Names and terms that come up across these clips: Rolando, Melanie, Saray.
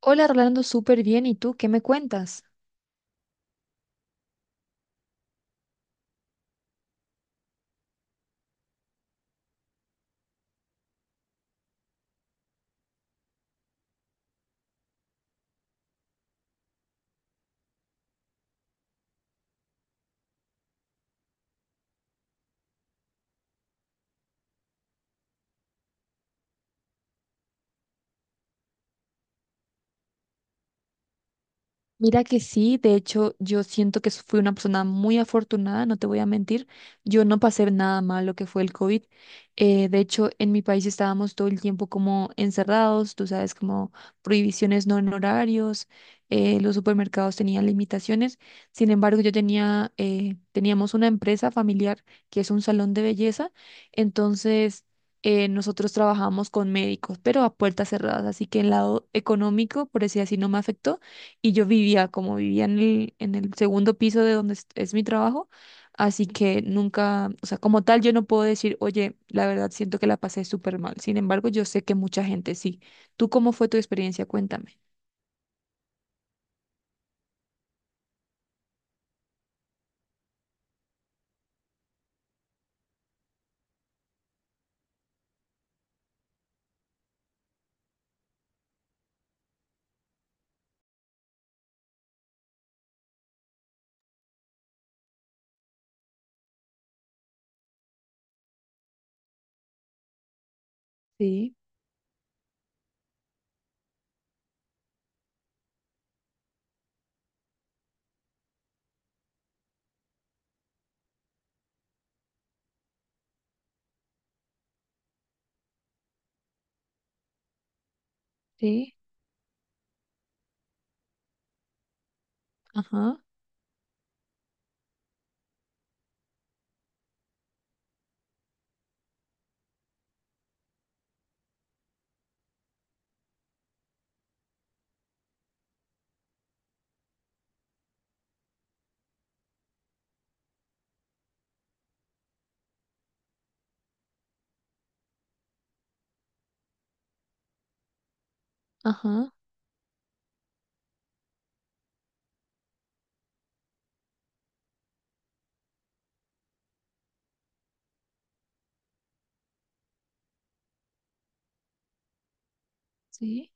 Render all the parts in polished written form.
Hola, Rolando, súper bien. ¿Y tú qué me cuentas? Mira que sí, de hecho yo siento que fui una persona muy afortunada, no te voy a mentir, yo no pasé nada mal lo que fue el COVID. De hecho en mi país estábamos todo el tiempo como encerrados, tú sabes, como prohibiciones no en horarios, los supermercados tenían limitaciones. Sin embargo yo tenía, teníamos una empresa familiar que es un salón de belleza, entonces nosotros trabajamos con médicos, pero a puertas cerradas, así que el lado económico, por decir así, no me afectó, y yo vivía, como vivía en el segundo piso de donde es mi trabajo, así que nunca, o sea, como tal, yo no puedo decir, oye, la verdad siento que la pasé súper mal. Sin embargo, yo sé que mucha gente sí. ¿Tú cómo fue tu experiencia? Cuéntame. Sí, sí, ajá, ajá, sí.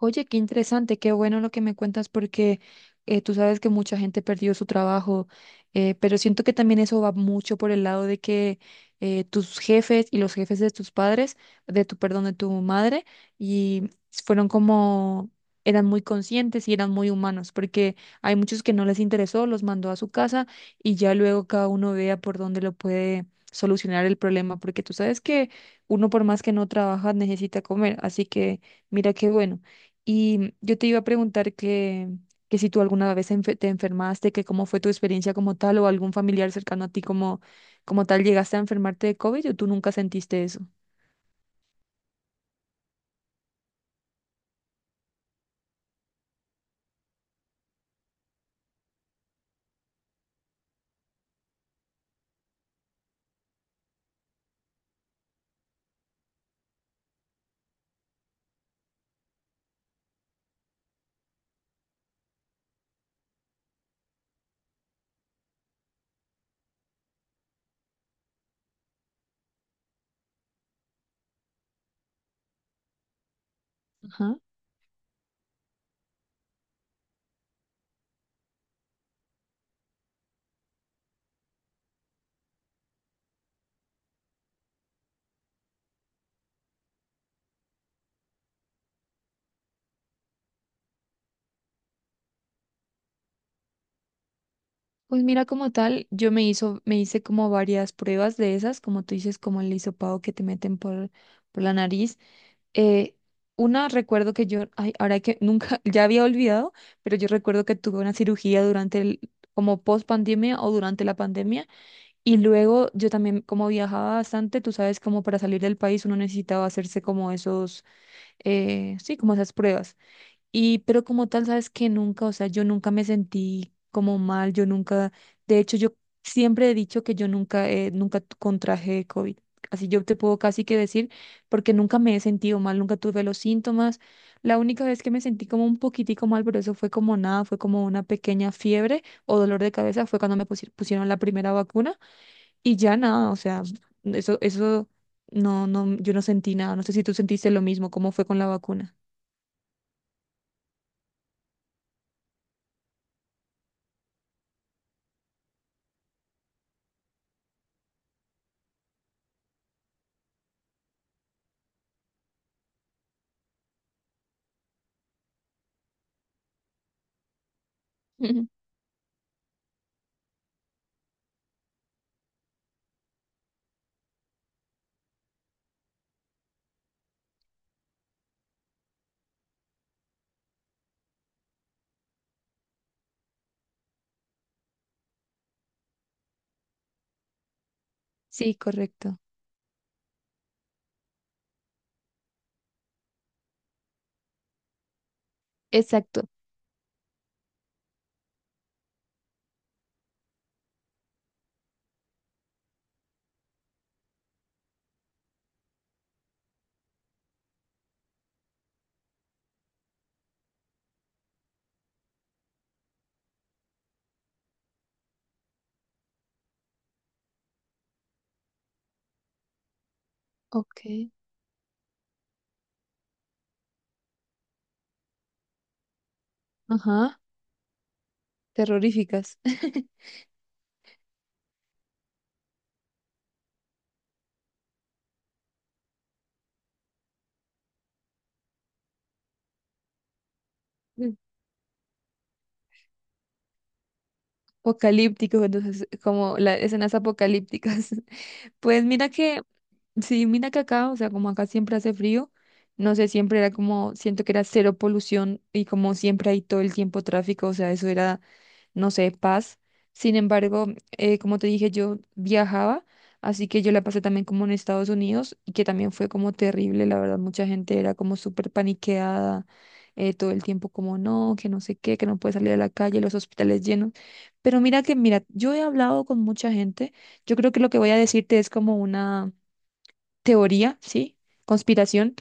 Oye, qué interesante, qué bueno lo que me cuentas porque tú sabes que mucha gente perdió su trabajo, pero siento que también eso va mucho por el lado de que tus jefes y los jefes de tus padres, de tu, perdón, de tu madre, y fueron como, eran muy conscientes y eran muy humanos, porque hay muchos que no les interesó, los mandó a su casa y ya luego cada uno vea por dónde lo puede solucionar el problema, porque tú sabes que uno por más que no trabaja necesita comer, así que mira qué bueno. Y yo te iba a preguntar que si tú alguna vez te enfermaste, que cómo fue tu experiencia como tal o algún familiar cercano a ti como, como tal llegaste a enfermarte de COVID o tú nunca sentiste eso. Ajá. Pues mira, como tal, yo me hice como varias pruebas de esas, como tú dices, como el hisopado que te meten por la nariz. Eh, una recuerdo que yo, ay, ahora que nunca, ya había olvidado, pero yo recuerdo que tuve una cirugía durante el, como post pandemia o durante la pandemia. Y luego yo también, como viajaba bastante, tú sabes, como para salir del país uno necesitaba hacerse como esos, sí, como esas pruebas. Y pero como tal, sabes que nunca, o sea, yo nunca me sentí como mal, yo nunca, de hecho, yo siempre he dicho que yo nunca, nunca contraje COVID. Así yo te puedo casi que decir, porque nunca me he sentido mal, nunca tuve los síntomas. La única vez que me sentí como un poquitico mal, pero eso fue como nada, fue como una pequeña fiebre o dolor de cabeza, fue cuando pusieron la primera vacuna y ya nada, o sea, eso, no, no, yo no sentí nada. No sé si tú sentiste lo mismo, cómo fue con la vacuna. Ujú. Sí, correcto. Exacto. Ok. Ajá. Terroríficas. Apocalíptico, entonces, como las escenas apocalípticas. Pues mira que sí, mira que acá, o sea, como acá siempre hace frío, no sé, siempre era como, siento que era cero polución y como siempre hay todo el tiempo tráfico, o sea, eso era, no sé, paz. Sin embargo, como te dije, yo viajaba, así que yo la pasé también como en Estados Unidos y que también fue como terrible, la verdad, mucha gente era como súper paniqueada, todo el tiempo como no, que no sé qué, que no puede salir a la calle, los hospitales llenos. Pero mira que, mira, yo he hablado con mucha gente, yo creo que lo que voy a decirte es como una teoría, ¿sí? Conspiración.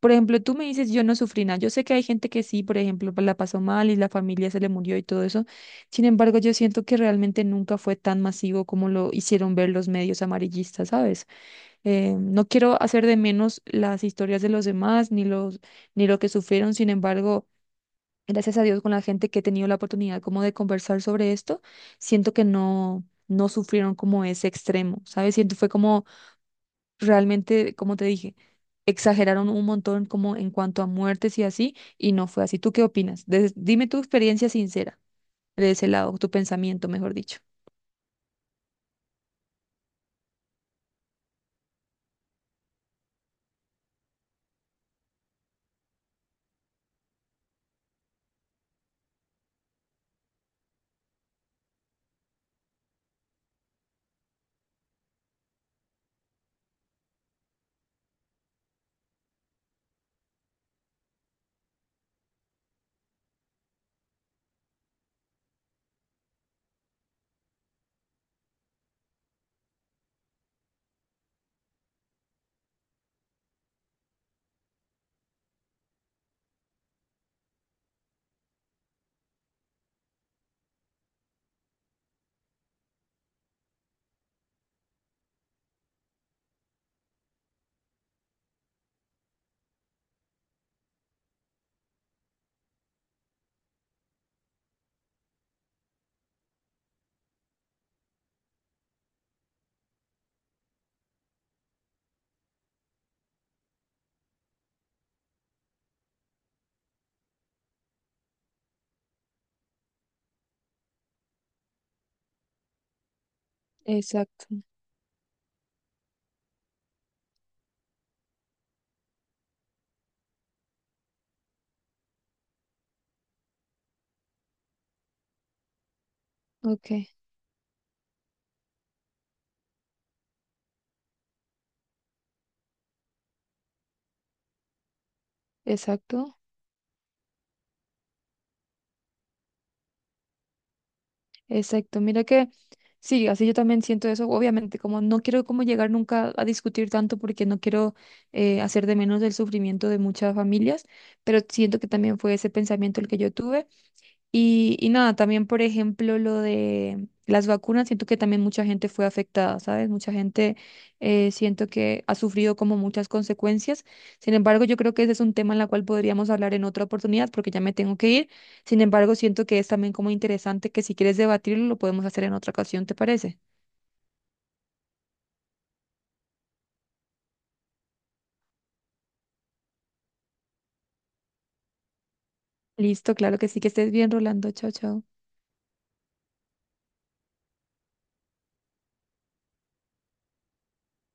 Por ejemplo, tú me dices, yo no sufrí nada. Yo sé que hay gente que sí, por ejemplo, pues, la pasó mal y la familia se le murió y todo eso. Sin embargo, yo siento que realmente nunca fue tan masivo como lo hicieron ver los medios amarillistas, ¿sabes? No quiero hacer de menos las historias de los demás ni los, ni lo que sufrieron. Sin embargo, gracias a Dios con la gente que he tenido la oportunidad como de conversar sobre esto, siento que no, no sufrieron como ese extremo, ¿sabes? Siento fue como realmente, como te dije, exageraron un montón como en cuanto a muertes y así, y no fue así. ¿Tú qué opinas? Dime tu experiencia sincera de ese lado, tu pensamiento, mejor dicho. Exacto, ok, exacto, exacto. Mira que sí, así yo también siento eso. Obviamente, como no quiero como llegar nunca a discutir tanto porque no quiero hacer de menos el sufrimiento de muchas familias, pero siento que también fue ese pensamiento el que yo tuve. Y nada, también, por ejemplo, lo de las vacunas, siento que también mucha gente fue afectada, ¿sabes? Mucha gente, siento que ha sufrido como muchas consecuencias. Sin embargo, yo creo que ese es un tema en el cual podríamos hablar en otra oportunidad porque ya me tengo que ir. Sin embargo, siento que es también como interesante que si quieres debatirlo, lo podemos hacer en otra ocasión, ¿te parece? Listo, claro que sí, que estés bien, Rolando. Chao, chao.